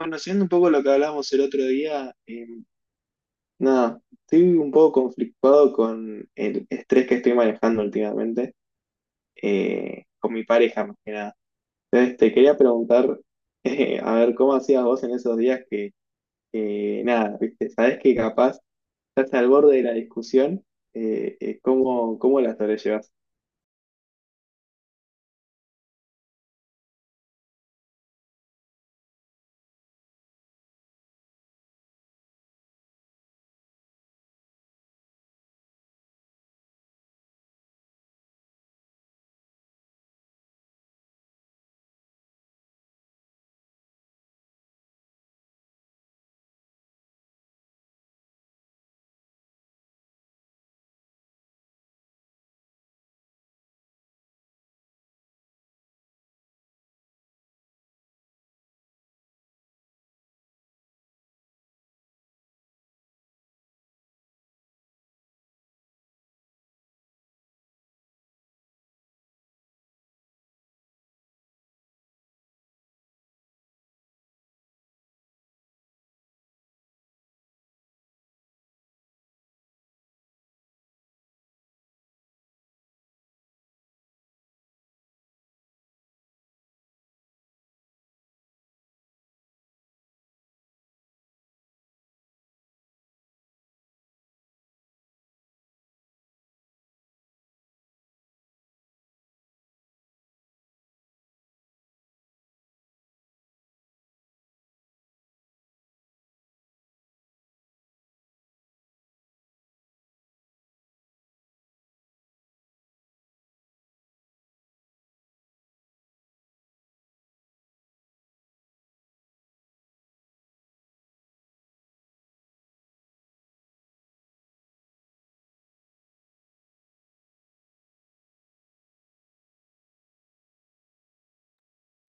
Bueno, siendo un poco lo que hablamos el otro día, nada, estoy un poco conflictuado con el estrés que estoy manejando últimamente, con mi pareja más que nada. Entonces, te quería preguntar, a ver, ¿cómo hacías vos en esos días que, nada, viste, sabés que capaz estás al borde de la discusión, ¿cómo, cómo la sobrellevas?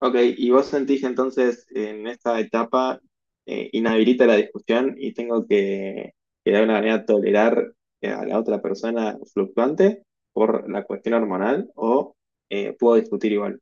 Ok, y vos sentís que entonces en esta etapa inhabilita la discusión y tengo que de alguna manera tolerar a la otra persona fluctuante por la cuestión hormonal o puedo discutir igual.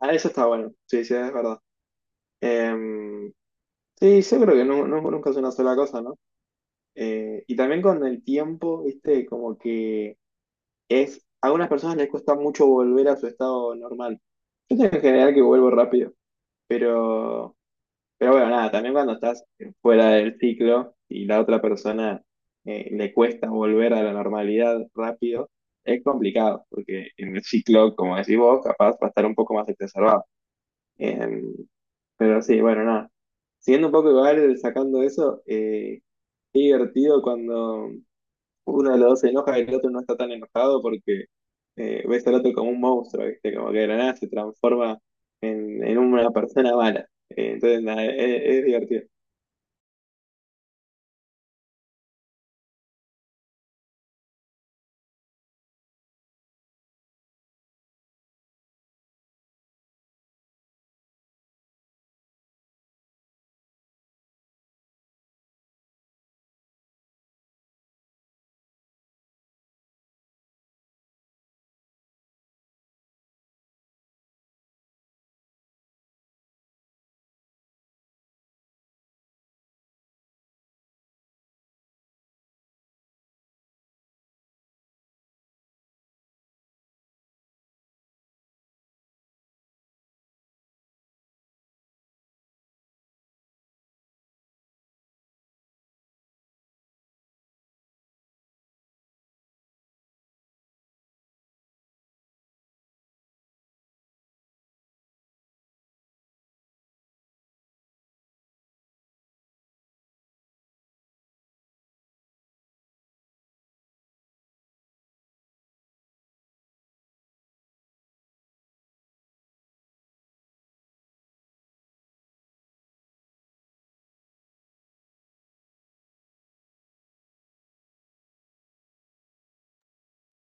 Ah, eso está bueno, sí, sí, es verdad. Em, sí, yo creo que nunca es una sola cosa, ¿no? Y también con el tiempo, viste, como que es, a algunas personas les cuesta mucho volver a su estado normal. Yo tengo en general que vuelvo rápido, pero... Pero bueno, nada, también cuando estás fuera del ciclo y la otra persona le cuesta volver a la normalidad rápido, es complicado, porque en el ciclo, como decís vos, capaz va a estar un poco más exacerbado. Eh, pero sí, bueno, nada. Siguiendo un poco igual, sacando eso, qué divertido cuando uno de los dos se enoja y el otro no está tan enojado porque ves al otro como un monstruo, ¿viste? Como que de la nada se transforma en una persona mala. Entonces, nada, es divertido.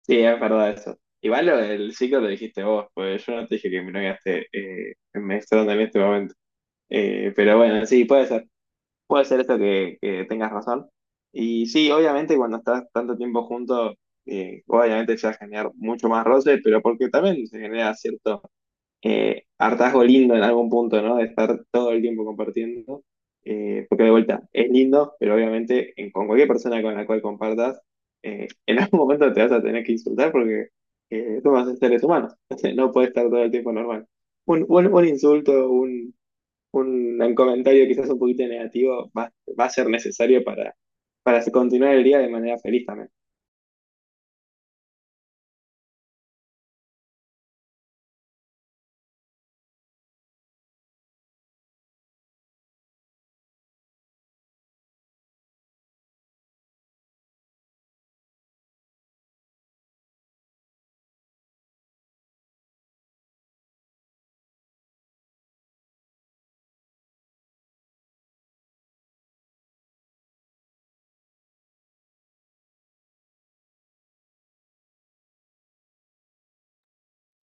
Sí, es verdad eso. Igual lo- el ciclo lo dijiste vos, pues yo no te dije que mi novia esté en menstruando en este momento. Pero bueno, sí, puede ser. Puede ser esto que tengas razón. Y sí, obviamente cuando estás tanto tiempo juntos, obviamente se va a generar mucho más roce, pero porque también se genera cierto hartazgo lindo en algún punto, ¿no? De estar todo el tiempo compartiendo. Porque de vuelta, es lindo, pero obviamente en- con cualquier persona con la cual compartas, en algún momento te vas a tener que insultar porque tú vas a ser seres humanos. No puedes estar todo el tiempo normal. Un insulto, un comentario quizás un poquito negativo va a ser necesario para continuar el día de manera feliz también.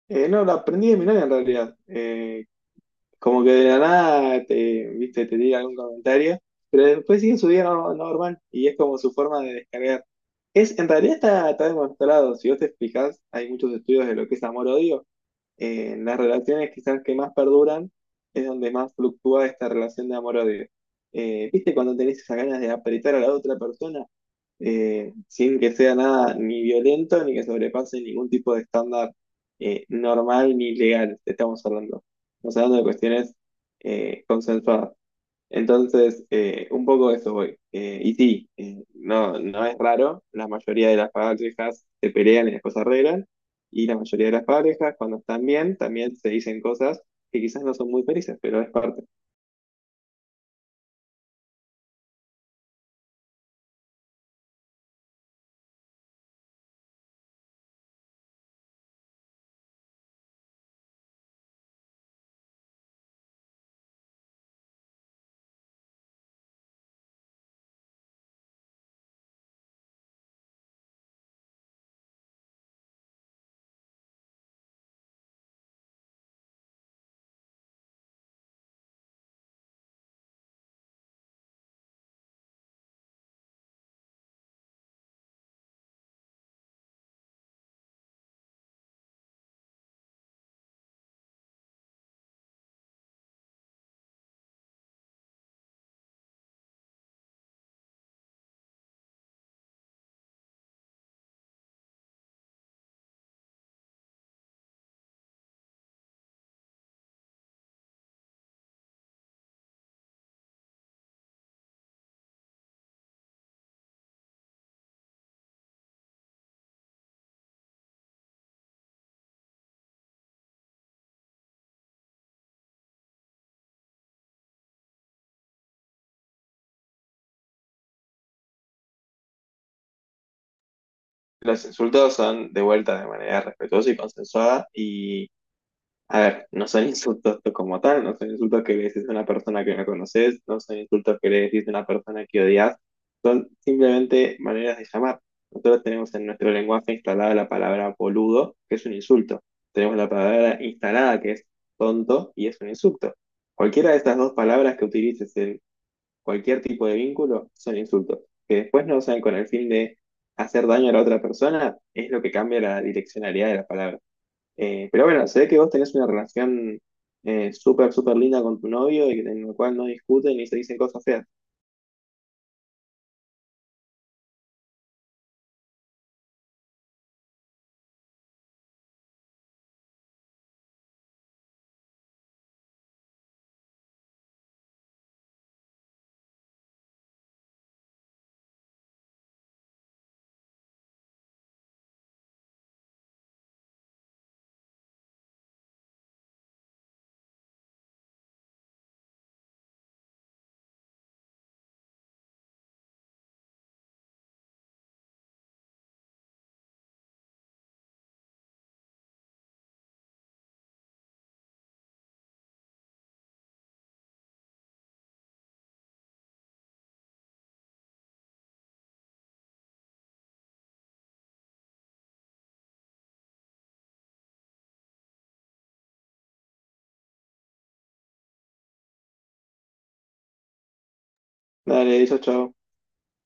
No, lo aprendí de mi novia en realidad. Como que de la nada te, viste, te tira algún comentario, pero después siguen su día no normal y es como su forma de descargar. En realidad está demostrado, si vos te explicás, hay muchos estudios de lo que es amor-odio. En las relaciones quizás que más perduran es donde más fluctúa esta relación de amor-odio. ¿Viste cuando tenés esas ganas de apretar a la otra persona? Sin que sea nada ni violento ni que sobrepase ningún tipo de estándar normal ni legal. Estamos hablando de cuestiones consensuadas. Entonces, un poco de eso voy. Y sí, no, no es raro, la mayoría de las parejas se pelean y después se arreglan, y la mayoría de las parejas, cuando están bien, también se dicen cosas que quizás no son muy felices, pero es parte. Los insultos son de vuelta de manera respetuosa y consensuada, y a ver, no son insultos como tal, no son insultos que le decís a una persona que no conoces, no son insultos que le decís a una persona que odias, simplemente maneras de llamar. Nosotros tenemos en nuestro lenguaje instalada la palabra boludo, que es un insulto. Tenemos la palabra instalada, que es tonto, y es un insulto. Cualquiera de estas dos palabras que utilices en cualquier tipo de vínculo son insultos, que después no usan con el fin de hacer daño a la otra persona, es lo que cambia la direccionalidad de la palabra. Pero bueno, se ve que vos tenés una relación súper, súper linda con tu novio y en la cual no discuten ni se dicen cosas feas. Dale, eso, chao.